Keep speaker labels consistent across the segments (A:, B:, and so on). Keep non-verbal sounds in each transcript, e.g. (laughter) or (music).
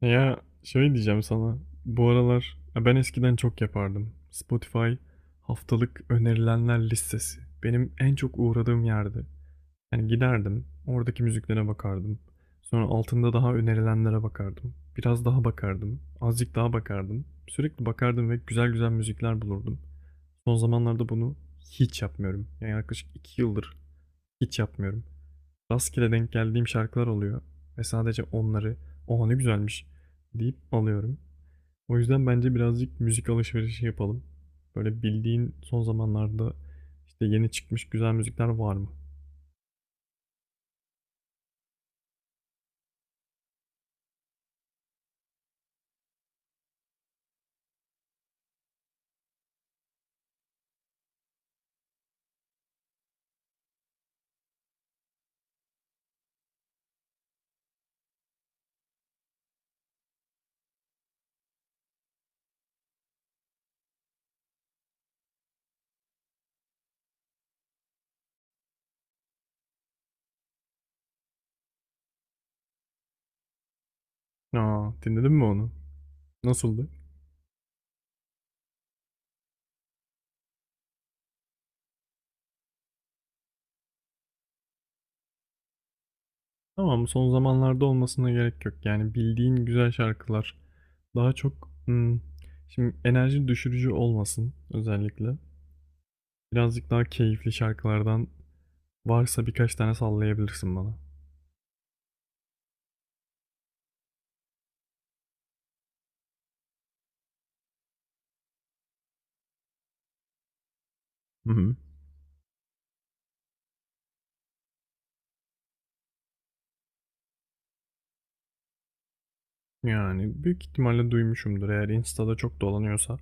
A: Ya şöyle diyeceğim sana. Bu aralar ya ben eskiden çok yapardım. Spotify haftalık önerilenler listesi. Benim en çok uğradığım yerdi. Yani giderdim, oradaki müziklere bakardım. Sonra altında daha önerilenlere bakardım. Biraz daha bakardım, azıcık daha bakardım. Sürekli bakardım ve güzel güzel müzikler bulurdum. Son zamanlarda bunu hiç yapmıyorum. Yani yaklaşık 2 yıldır hiç yapmıyorum. Rastgele denk geldiğim şarkılar oluyor ve sadece onları "Oha ne güzelmiş." deyip alıyorum. O yüzden bence birazcık müzik alışverişi yapalım. Böyle bildiğin son zamanlarda, işte, yeni çıkmış güzel müzikler var mı? Aa, dinledin mi onu? Nasıldı? Tamam, son zamanlarda olmasına gerek yok. Yani bildiğin güzel şarkılar. Daha çok, şimdi enerji düşürücü olmasın özellikle. Birazcık daha keyifli şarkılardan varsa birkaç tane sallayabilirsin bana. Hı hı. Yani büyük ihtimalle duymuşumdur eğer Insta'da çok dolanıyorsa.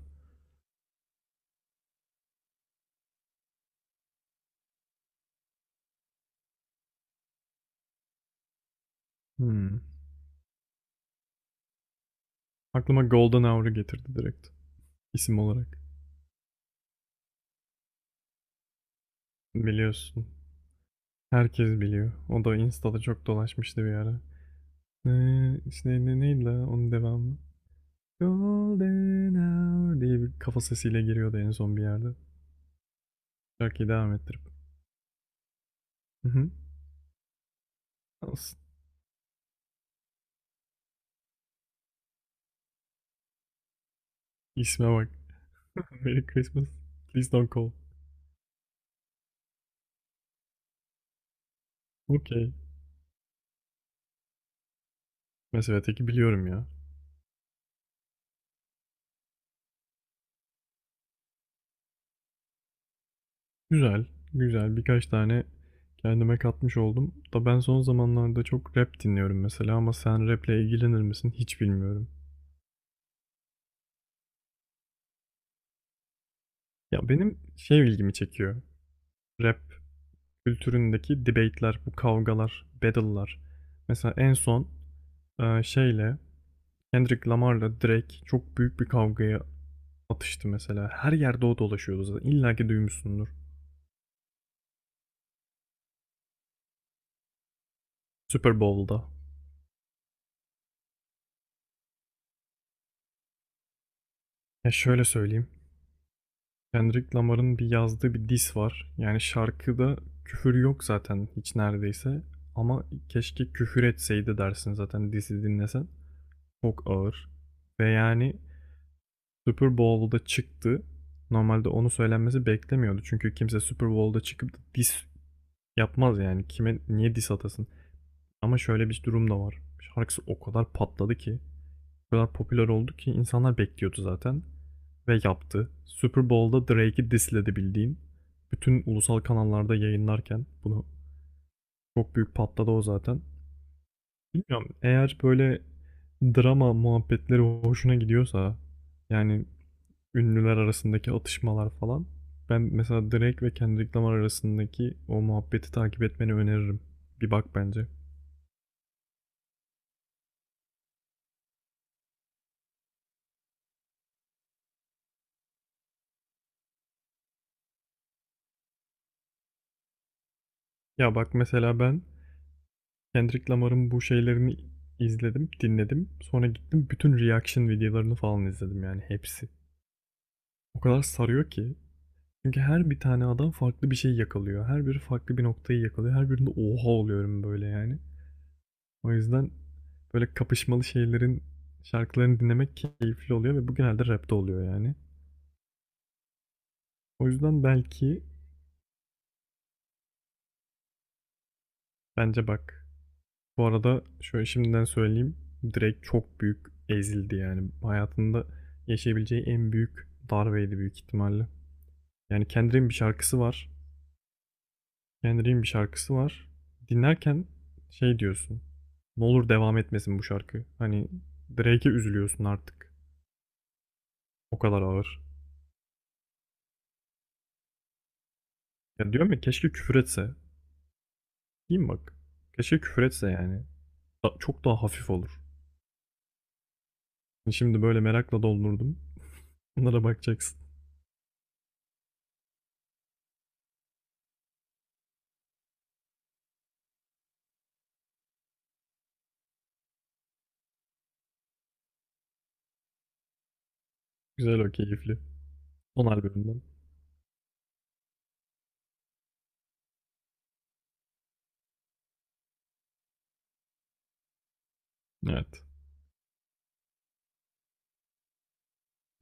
A: Hmm. Aklıma Golden Hour'u getirdi direkt isim olarak. Biliyorsun. Herkes biliyor. O da Insta'da çok dolaşmıştı bir ara. Ne, işte ne, neydi la onun devamı? Golden Hour diye bir kafa sesiyle giriyordu en son bir yerde. Şarkıyı devam ettirip. (laughs) Hı hı. İsme bak. (laughs) Merry Christmas. Please don't call. Okay. Mesela teki biliyorum ya. Güzel, güzel. Birkaç tane kendime katmış oldum. Da ben son zamanlarda çok rap dinliyorum mesela, ama sen rap'le ilgilenir misin hiç bilmiyorum. Ya benim şey ilgimi çekiyor. Rap kültüründeki debate'ler, bu kavgalar, battle'lar. Mesela en son e, şeyle Kendrick Lamar'la Drake çok büyük bir kavgaya atıştı mesela. Her yerde o dolaşıyordu zaten. İlla ki duymuşsundur. Super Bowl'da. Ya şöyle söyleyeyim. Kendrick Lamar'ın bir yazdığı bir diss var. Yani şarkıda küfür yok zaten hiç neredeyse. Ama keşke küfür etseydi dersin zaten diss'i dinlesen. Çok ağır. Ve yani Super Bowl'da çıktı. Normalde onu söylenmesi beklemiyordu. Çünkü kimse Super Bowl'da çıkıp da diss yapmaz yani. Kime niye diss atasın? Ama şöyle bir durum da var. Şarkısı o kadar patladı ki. O kadar popüler oldu ki insanlar bekliyordu zaten. Ve yaptı. Super Bowl'da Drake'i disledi bildiğin. Bütün ulusal kanallarda yayınlarken bunu çok büyük patladı o zaten. Bilmiyorum, eğer böyle drama muhabbetleri hoşuna gidiyorsa, yani ünlüler arasındaki atışmalar falan, ben mesela Drake ve Kendrick Lamar arasındaki o muhabbeti takip etmeni öneririm. Bir bak bence. Ya bak mesela ben Kendrick Lamar'ın bu şeylerini izledim, dinledim. Sonra gittim bütün reaction videolarını falan izledim yani hepsi. O kadar sarıyor ki. Çünkü her bir tane adam farklı bir şey yakalıyor. Her biri farklı bir noktayı yakalıyor. Her birinde oha oluyorum böyle yani. O yüzden böyle kapışmalı şeylerin şarkılarını dinlemek keyifli oluyor ve bu genelde rapte oluyor yani. O yüzden belki bence bak. Bu arada şöyle şimdiden söyleyeyim. Direkt çok büyük ezildi yani. Hayatında yaşayabileceği en büyük darbeydi büyük ihtimalle. Yani Kendrick'in bir şarkısı var. Kendrick'in bir şarkısı var. Dinlerken şey diyorsun. Ne olur devam etmesin bu şarkı. Hani Drake'e üzülüyorsun artık. O kadar ağır. Ya diyorum ya keşke küfür etse. Diyeyim bak. Keşke küfür etse yani. Çok daha hafif olur. Hani, şimdi böyle merakla doldurdum. Bunlara bakacaksın. Güzel, o keyifli. Son albümünden. Evet.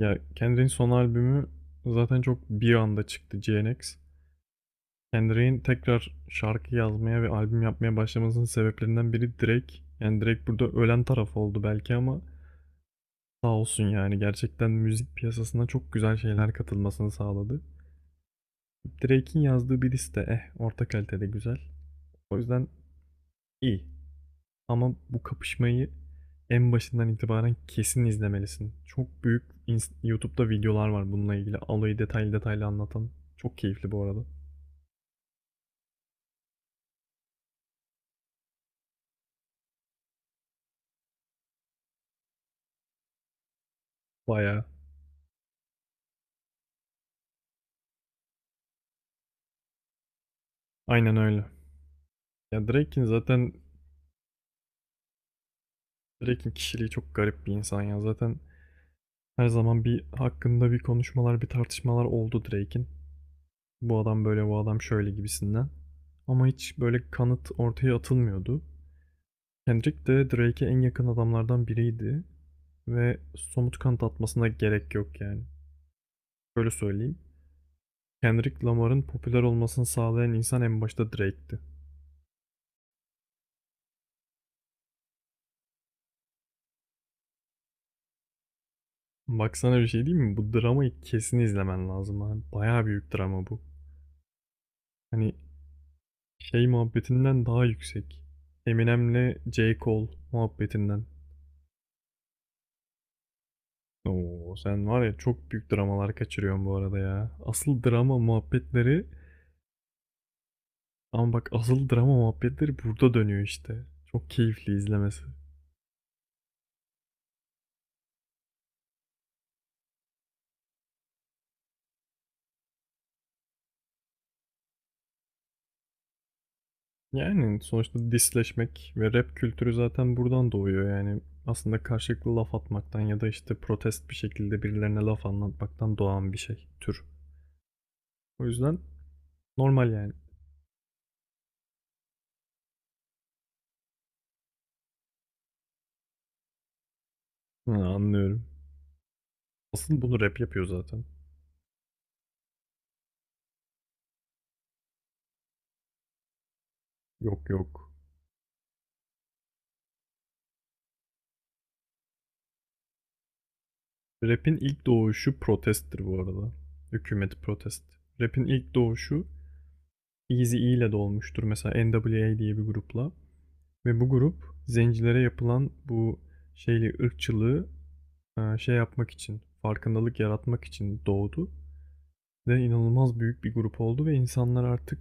A: Ya Kendrick'in son albümü zaten çok bir anda çıktı, GNX. Kendrick'in tekrar şarkı yazmaya ve albüm yapmaya başlamasının sebeplerinden biri Drake. Yani Drake burada ölen taraf oldu belki, ama sağ olsun yani gerçekten müzik piyasasına çok güzel şeyler katılmasını sağladı. Drake'in yazdığı bir liste eh orta kalitede güzel. O yüzden iyi. Ama bu kapışmayı en başından itibaren kesin izlemelisin. Çok büyük YouTube'da videolar var bununla ilgili. Alayı detaylı detaylı anlatan. Çok keyifli bu arada. Bayağı. Aynen öyle. Ya Drake'in zaten Drake'in kişiliği çok garip bir insan ya. Zaten her zaman bir hakkında bir konuşmalar, bir tartışmalar oldu Drake'in. Bu adam böyle, bu adam şöyle gibisinden. Ama hiç böyle kanıt ortaya atılmıyordu. Kendrick de Drake'e en yakın adamlardan biriydi ve somut kanıt atmasına gerek yok yani. Böyle söyleyeyim. Kendrick Lamar'ın popüler olmasını sağlayan insan en başta Drake'ti. Baksana bir şey değil mi? Bu dramayı kesin izlemen lazım abi. Bayağı büyük drama bu. Hani şey muhabbetinden daha yüksek. Eminem'le J. Cole muhabbetinden. Oo sen var ya, çok büyük dramalar kaçırıyorsun bu arada ya. Asıl drama muhabbetleri. Ama bak, asıl drama muhabbetleri burada dönüyor işte. Çok keyifli izlemesi. Yani sonuçta disleşmek ve rap kültürü zaten buradan doğuyor yani. Aslında karşılıklı laf atmaktan ya da işte protest bir şekilde birilerine laf anlatmaktan doğan bir şey, tür. O yüzden normal yani. Ha, anlıyorum. Asıl bunu rap yapıyor zaten. Yok yok. Rap'in ilk doğuşu protesttir bu arada. Hükümet protest. Rap'in ilk doğuşu Eazy-E ile de olmuştur. Mesela NWA diye bir grupla. Ve bu grup zencilere yapılan bu şeyli ırkçılığı, şey yapmak için, farkındalık yaratmak için doğdu. Ve inanılmaz büyük bir grup oldu ve insanlar artık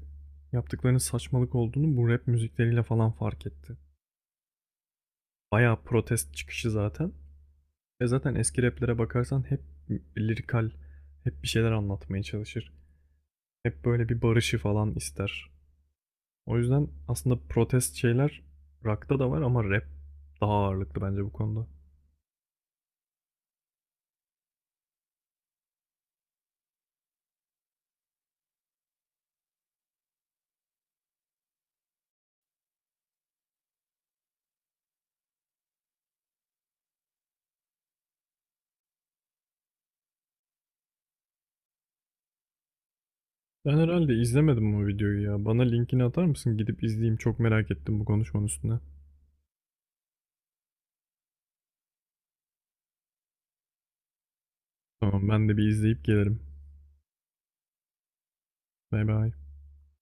A: yaptıklarının saçmalık olduğunu bu rap müzikleriyle falan fark etti. Bayağı protest çıkışı zaten. Ve zaten eski raplere bakarsan hep lirikal, hep bir şeyler anlatmaya çalışır. Hep böyle bir barışı falan ister. O yüzden aslında protest şeyler rock'ta da var ama rap daha ağırlıklı bence bu konuda. Ben herhalde izlemedim o videoyu ya. Bana linkini atar mısın? Gidip izleyeyim. Çok merak ettim bu konuşmanın üstüne. Tamam ben de bir izleyip gelirim. Bay bay.